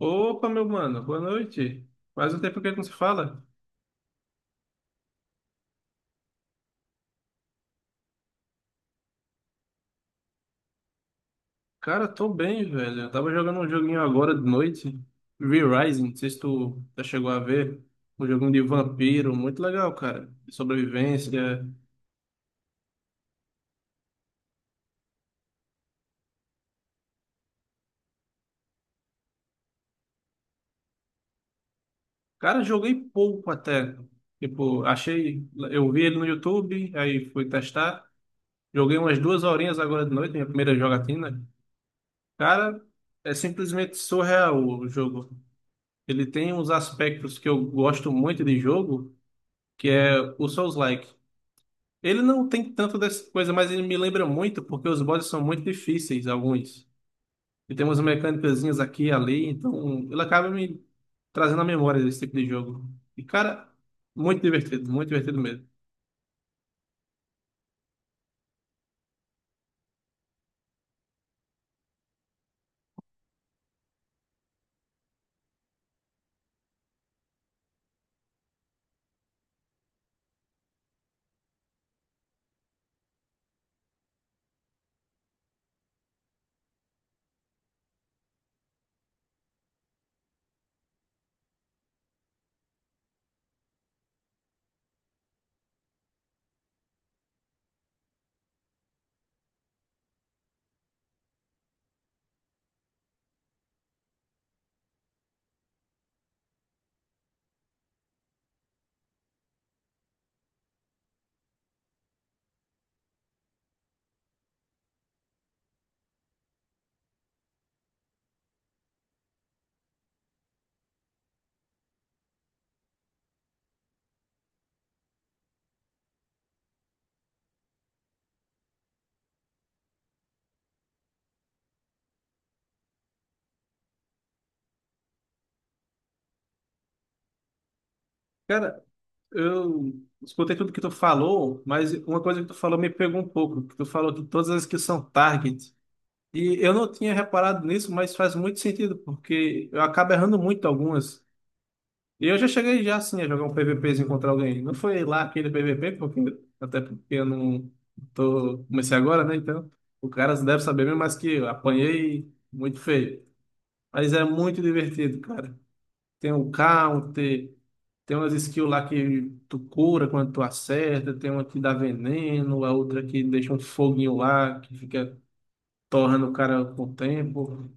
Opa, meu mano, boa noite. Faz um tempo que a gente não se fala. Cara, tô bem, velho. Eu tava jogando um joguinho agora de noite, V-Rising, não sei se tu já chegou a ver. Um joguinho de vampiro, muito legal, cara. De sobrevivência. Cara, joguei pouco até. Tipo, achei. Eu vi ele no YouTube, aí fui testar. Joguei umas duas horinhas agora de noite, minha primeira jogatina. Cara, é simplesmente surreal o jogo. Ele tem uns aspectos que eu gosto muito de jogo, que é o Souls-like. Ele não tem tanto dessa coisa, mas ele me lembra muito, porque os bosses são muito difíceis, alguns. E tem umas mecânicazinhas aqui e ali, então ele acaba me trazendo a memória desse tipo de jogo. E, cara, muito divertido mesmo. Cara, eu escutei tudo que tu falou, mas uma coisa que tu falou me pegou um pouco, que tu falou de todas as que são target. E eu não tinha reparado nisso, mas faz muito sentido, porque eu acabo errando muito algumas. E eu já cheguei já assim a jogar um PVPzinho contra alguém. Não foi lá aquele PVP, porque, até porque eu não tô, comecei agora, né? Então, o cara deve saber mesmo, mas que eu apanhei muito feio. Mas é muito divertido, cara. Tem o counter, tem umas skills lá que tu cura quando tu acerta, tem uma que dá veneno, a outra que deixa um foguinho lá, que fica torrando o cara com o tempo.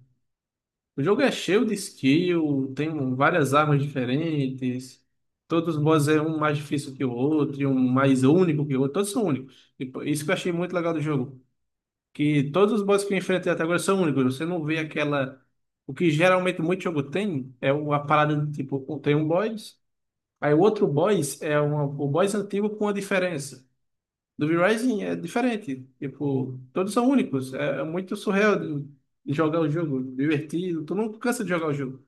O jogo é cheio de skill, tem várias armas diferentes. Todos os bosses é um mais difícil que o outro, e um mais único que o outro. Todos são únicos. E pô, isso que eu achei muito legal do jogo. Que todos os bosses que eu enfrentei até agora são únicos. Você não vê aquela. O que geralmente muito jogo tem é uma parada do tipo, tem um boss, aí o outro boss é uma, o boss antigo com a diferença. Do V-Rising é diferente. Tipo, todos são únicos. É, é muito surreal de jogar o jogo, divertido. Tu não cansa de jogar o jogo.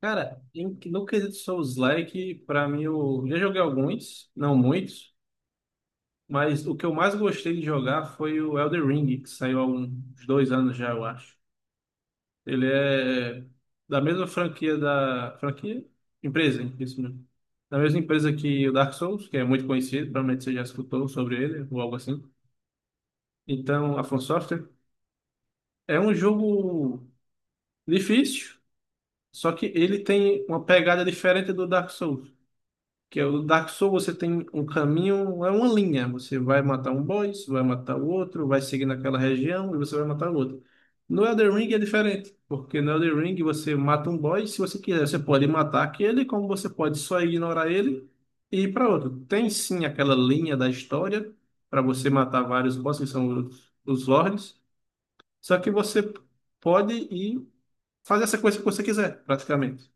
Cara, no quesito Souls-like, pra mim, eu já joguei alguns, não muitos, mas o que eu mais gostei de jogar foi o Elden Ring, que saiu há uns dois anos já, eu acho. Ele é da mesma franquia da... Franquia? Empresa, isso mesmo. Da mesma empresa que o Dark Souls, que é muito conhecido, provavelmente você já escutou sobre ele, ou algo assim. Então, a From Software é um jogo difícil, só que ele tem uma pegada diferente do Dark Souls. Que é o Dark Souls, você tem um caminho, é uma linha. Você vai matar um boss, vai matar o outro, vai seguir naquela região e você vai matar o outro. No Elden Ring é diferente, porque no Elden Ring você mata um boss, se você quiser, você pode matar aquele, como você pode só ignorar ele e ir para outro. Tem sim aquela linha da história para você matar vários bosses, que são os lords, só que você pode ir fazer essa coisa que você quiser, praticamente.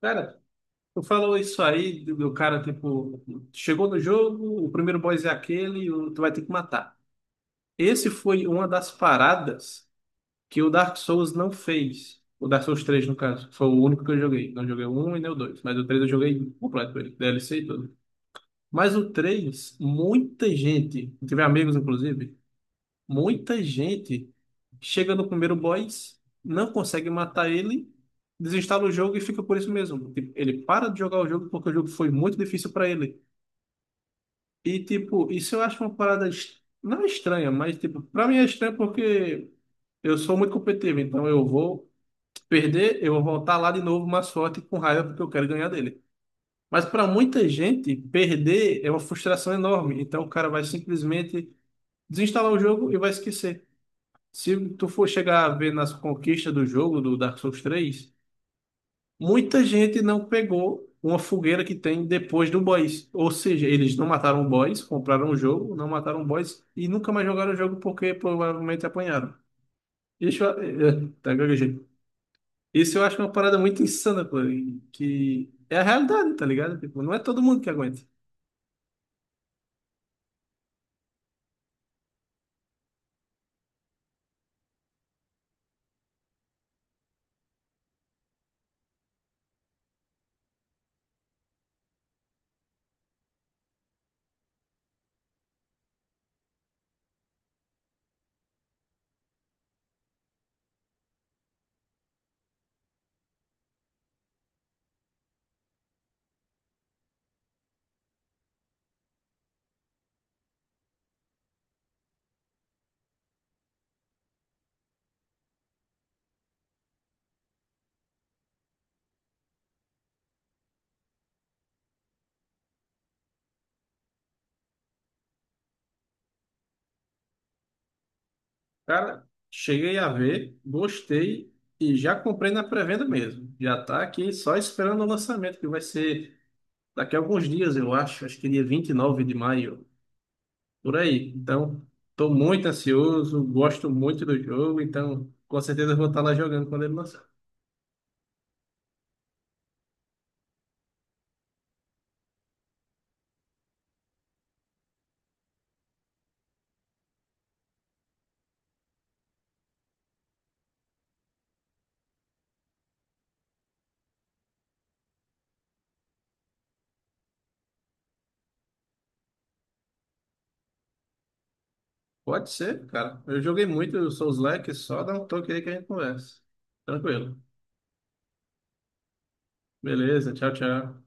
Cara, tu falou isso aí do cara, tipo, chegou no jogo, o primeiro boss é aquele, tu vai ter que matar. Esse foi uma das paradas que o Dark Souls não fez. O Dark Souls três no caso, foi o único que eu joguei. Não joguei o 1 e nem o 2, mas o 3 eu joguei completo, ele, DLC e tudo. Mas o 3 muita gente, tive amigos inclusive, muita gente chega no primeiro boss, não consegue matar ele, desinstala o jogo e fica por isso mesmo. Tipo, ele para de jogar o jogo porque o jogo foi muito difícil para ele. E, tipo, isso eu acho uma parada não é estranha, mas, tipo, para mim é estranho porque eu sou muito competitivo, então eu vou perder, eu vou voltar lá de novo, mais forte com raiva porque eu quero ganhar dele. Mas para muita gente, perder é uma frustração enorme, então o cara vai simplesmente desinstalar o jogo e vai esquecer. Se tu for chegar a ver nas conquistas do jogo do Dark Souls 3, muita gente não pegou uma fogueira que tem depois do boss. Ou seja, eles não mataram o boss, compraram o jogo, não mataram o boss e nunca mais jogaram o jogo porque provavelmente apanharam. Isso, é, é, tá gaguejando. Isso eu acho uma parada muito insana, pô, e que é a realidade, tá ligado? Tipo, não é todo mundo que aguenta. Cara, cheguei a ver, gostei e já comprei na pré-venda mesmo. Já tá aqui só esperando o lançamento, que vai ser daqui a alguns dias, eu acho, acho que dia 29 de maio, por aí. Então, estou muito ansioso, gosto muito do jogo, então com certeza eu vou estar lá jogando quando ele lançar. Pode ser, cara. Eu joguei muito Souls-like, só dá um toque aí que a gente conversa. Tranquilo. Beleza, tchau, tchau.